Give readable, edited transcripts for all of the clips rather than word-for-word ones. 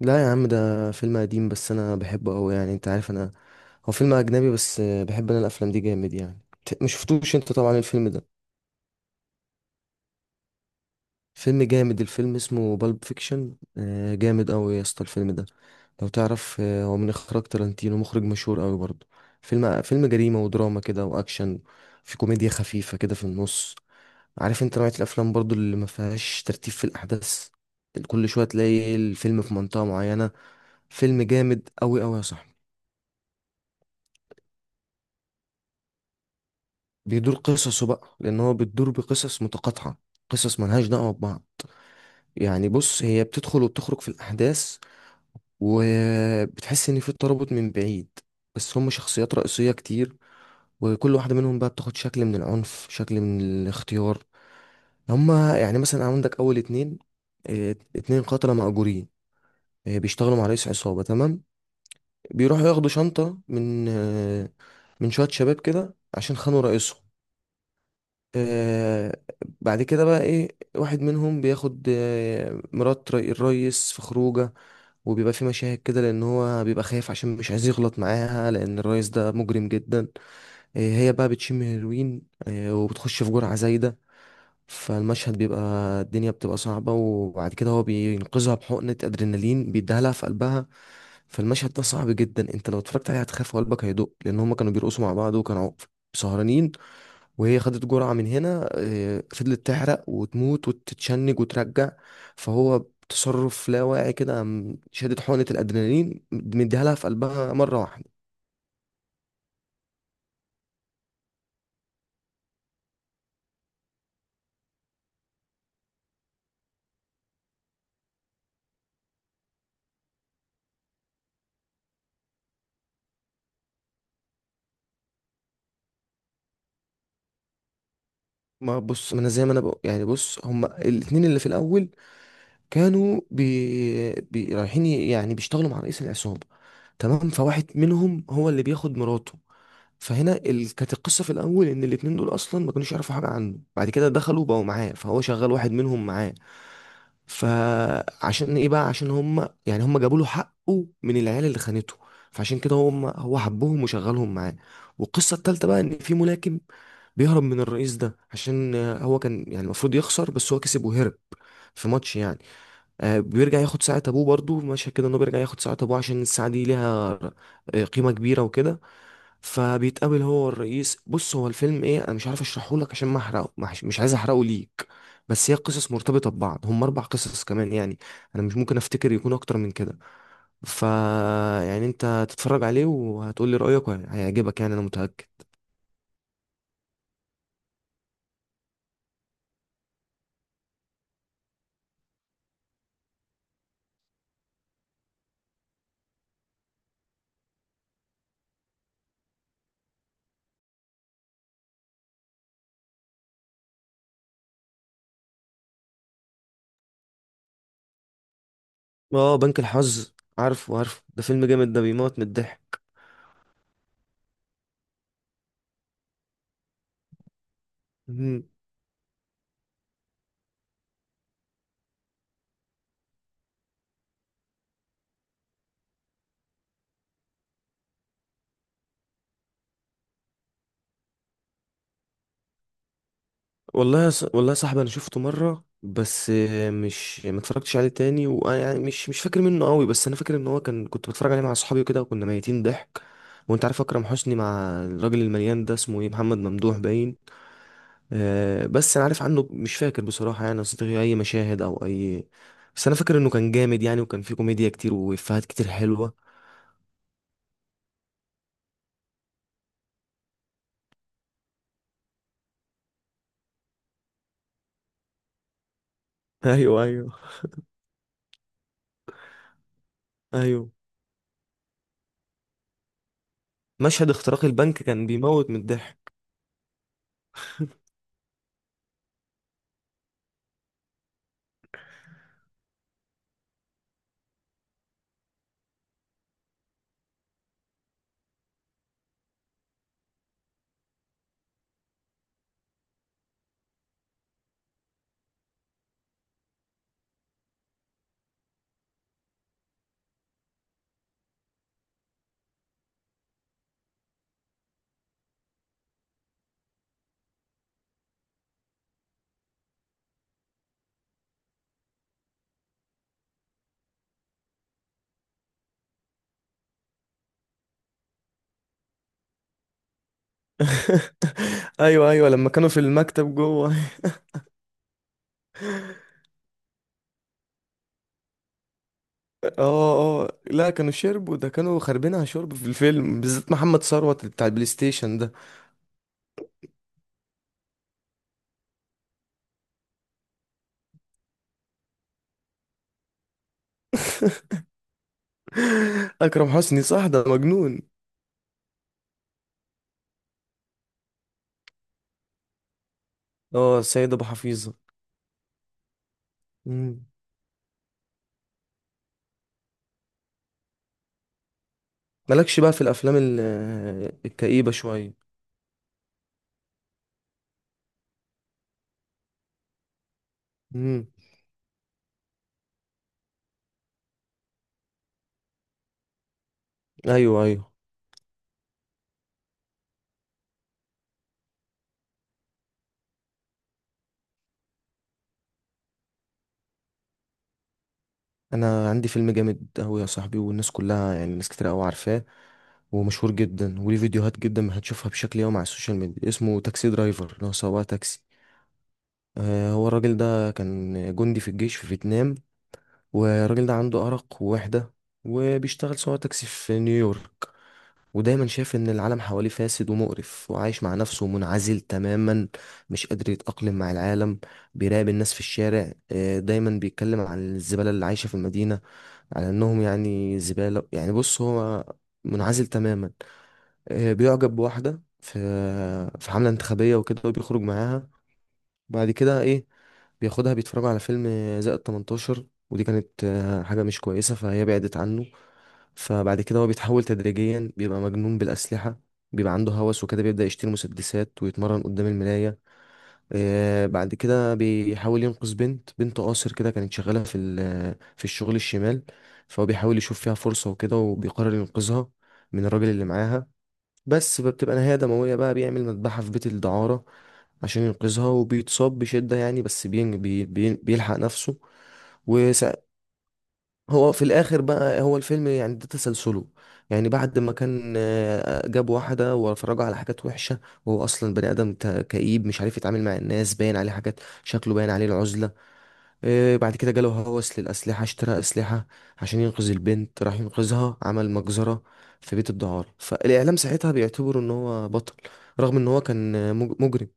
لا يا عم، ده فيلم قديم بس انا بحبه قوي، يعني انت عارف انا. هو فيلم اجنبي بس بحب انا الافلام دي جامد يعني. مش شفتوش انت طبعا الفيلم ده. فيلم جامد، الفيلم اسمه بالب فيكشن. جامد قوي يا اسطى الفيلم ده. لو تعرف، هو من اخراج تارانتينو، مخرج مشهور قوي برضه. فيلم جريمة ودراما كده، واكشن. في كوميديا خفيفة كده في النص. عارف انت نوعية الافلام برضه اللي ما فيهاش ترتيب في الاحداث. كل شوية تلاقي الفيلم في منطقة معينة. فيلم جامد قوي قوي يا صاحبي. بيدور قصصه بقى، لان هو بتدور بقصص متقاطعه، قصص ملهاش دعوه ببعض. يعني بص، هي بتدخل وبتخرج في الاحداث، وبتحس ان في ترابط من بعيد. بس هم شخصيات رئيسيه كتير، وكل واحده منهم بقى بتاخد شكل من العنف، شكل من الاختيار. هم يعني مثلا عندك اول اتنين. اتنين قتله مأجورين. بيشتغلوا مع رئيس عصابه، تمام. بيروحوا ياخدوا شنطه من من شويه شباب كده عشان خانوا رئيسهم. آه بعد كده بقى ايه، واحد منهم بياخد مرات الريس في خروجه. وبيبقى في مشاهد كده، لان هو بيبقى خايف عشان مش عايز يغلط معاها، لان الريس ده مجرم جدا. هي بقى بتشم هيروين، وبتخش في جرعة زايدة. فالمشهد بيبقى، الدنيا بتبقى صعبة، وبعد كده هو بينقذها بحقنة ادرينالين بيديها لها في قلبها. فالمشهد ده صعب جدا، انت لو اتفرجت عليه هتخاف وقلبك هيدق، لان هما كانوا بيرقصوا مع بعض وكانوا سهرانين. وهي خدت جرعة من هنا، فضلت تحرق وتموت وتتشنج وترجع. فهو بتصرف لا واعي كده، قام شادد حقنة الأدرينالين مديها لها في قلبها مرة واحدة. ما بص، ما انا زي ما انا بقول، يعني بص، هما الاتنين اللي في الاول كانوا رايحين يعني بيشتغلوا مع رئيس العصابة، تمام. فواحد منهم هو اللي بياخد مراته. كانت القصه في الاول ان الاتنين دول اصلا ما كانوش يعرفوا حاجه عنه، بعد كده دخلوا بقوا معاه، فهو شغال واحد منهم معاه. فعشان ايه بقى؟ عشان هم يعني هم جابوا له حقه من العيال اللي خانته، فعشان كده هم هو حبهم وشغلهم معاه. والقصه التالته بقى ان في ملاكم بيهرب من الرئيس ده، عشان هو كان يعني المفروض يخسر بس هو كسب وهرب في ماتش يعني. بيرجع ياخد ساعة ابوه، برضو مشهد كده، انه بيرجع ياخد ساعة ابوه عشان الساعة دي ليها قيمة كبيرة وكده. فبيتقابل هو والرئيس. بص، هو الفيلم ايه، انا مش عارف اشرحه لك عشان ما احرقه، ما أحش- مش عايز احرقه ليك. بس هي قصص مرتبطة ببعض، هم اربع قصص كمان يعني. انا مش ممكن افتكر يكون اكتر من كده. ف، يعني انت تتفرج عليه وهتقول لي رأيك، هيعجبك يعني انا متأكد. اه، بنك الحظ. عارفه، عارفه، ده فيلم جامد، ده بيموت من الضحك. والله يا صاحبي، انا شفته مره بس، مش ما اتفرجتش عليه تاني، وانا يعني مش فاكر منه قوي، بس انا فاكر ان هو كان، كنت بتفرج عليه مع اصحابي وكده، وكنا ميتين ضحك. وانت عارف اكرم حسني مع الراجل المليان ده اسمه ايه، محمد ممدوح باين. بس انا عارف عنه، مش فاكر بصراحه يعني اصدقائي اي مشاهد او اي. بس انا فاكر انه كان جامد يعني، وكان فيه كوميديا كتير وافيهات كتير حلوه. ايوه، ايوه، ايوه. مشهد اختراق البنك كان بيموت من الضحك. ايوه، ايوه، لما كانوا في المكتب جوه. اه. اه لا، كانوا شربوا، ده كانوا خاربينها شرب في الفيلم، بالذات محمد ثروت بتاع البلاي ستيشن ده. اكرم حسني صح، ده مجنون. اه، السيد ابو حفيظه. مم. مالكش بقى في الافلام الكئيبه شويه؟ مم. ايوه، ايوه. انا عندي فيلم جامد قوي يا صاحبي، والناس كلها يعني ناس كتير قوي عارفاه، ومشهور جدا وليه فيديوهات جدا هتشوفها بشكل يومي على السوشيال ميديا، اسمه تاكسي درايفر، اللي هو سواق تاكسي. هو الراجل ده كان جندي في الجيش في فيتنام. والراجل ده عنده أرق ووحدة، وبيشتغل سواق تاكسي في نيويورك. ودايما شايف إن العالم حواليه فاسد ومقرف، وعايش مع نفسه منعزل تماما، مش قادر يتأقلم مع العالم. بيراقب الناس في الشارع، دايما بيتكلم عن الزبالة اللي عايشة في المدينة، على إنهم يعني زبالة. يعني بص، هو منعزل تماما. بيعجب بواحدة في حملة انتخابية وكده، وبيخرج معاها. بعد كده ايه، بياخدها بيتفرجوا على فيلم زائد 18، ودي كانت حاجة مش كويسة، فهي بعدت عنه. فبعد كده هو بيتحول تدريجيا، بيبقى مجنون بالأسلحة، بيبقى عنده هوس وكده، بيبدأ يشتري مسدسات ويتمرن قدام المراية. بعد كده بيحاول ينقذ بنت قاصر كده، كانت شغالة في في الشغل الشمال. فهو بيحاول يشوف فيها فرصة وكده، وبيقرر ينقذها من الراجل اللي معاها بس. فبتبقى نهاية دموية بقى، بيعمل مذبحة في بيت الدعارة عشان ينقذها، وبيتصاب بشدة يعني، بس بين بي بي بيلحق نفسه. وسا- هو في الآخر بقى، هو الفيلم يعني ده تسلسله. يعني بعد ما كان جاب واحدة وفرجه على حاجات وحشة، وهو أصلا بني آدم كئيب، مش عارف يتعامل مع الناس، باين عليه حاجات، شكله باين عليه العزلة. إيه بعد كده جاله هوس للأسلحة، اشترى أسلحة عشان ينقذ البنت، راح ينقذها، عمل مجزرة في بيت الدعارة. فالإعلام ساعتها بيعتبره إن هو بطل، رغم إن هو كان مجرم.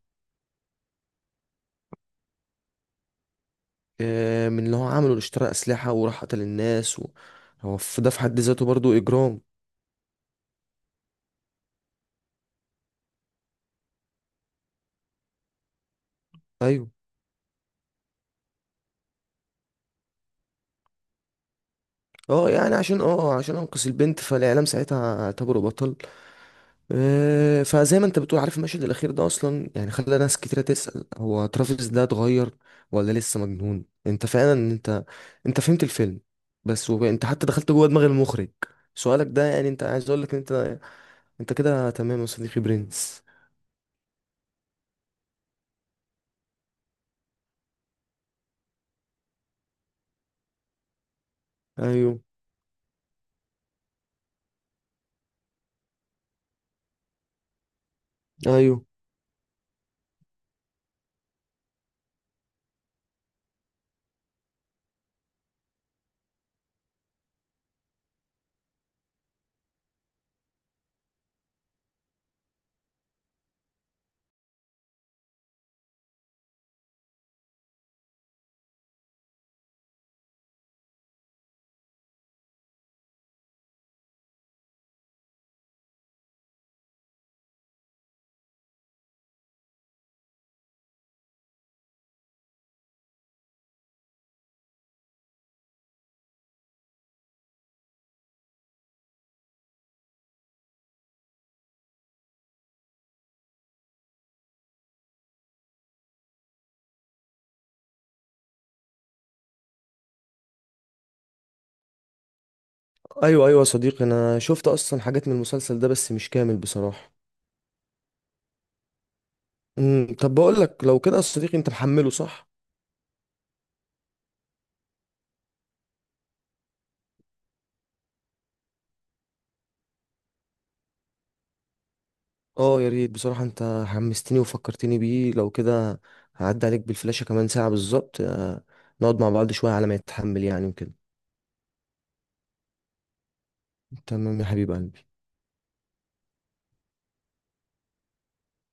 إيه، من اللي هو عمله، اللي اشترى أسلحة وراح قتل الناس و... هو في ده في حد ذاته برضو إجرام. أيوه. اه يعني، عشان اه عشان انقذ البنت، فالاعلام ساعتها اعتبره بطل. فزي ما انت بتقول، عارف المشهد الاخير ده اصلا يعني خلى ناس كتيره تسأل هو ترافيس ده اتغير ولا لسه مجنون؟ انت فعلا، انت فهمت الفيلم. بس انت حتى دخلت جوه دماغ المخرج. سؤالك ده يعني، انت عايز اقول لك ان انت، انت كده تمام يا صديقي برنس. ايوه، ايوه، ايوه، ايوه يا صديقي، انا شفت اصلا حاجات من المسلسل ده بس مش كامل بصراحه. امم، طب بقول لك لو كده يا صديقي، انت محمله صح. اه يا ريت بصراحة، انت حمستني وفكرتني بيه. لو كده هعدي عليك بالفلاشة كمان ساعة بالظبط، نقعد مع بعض شوية على ما يتحمل يعني وكده. تمام يا حبيب قلبي.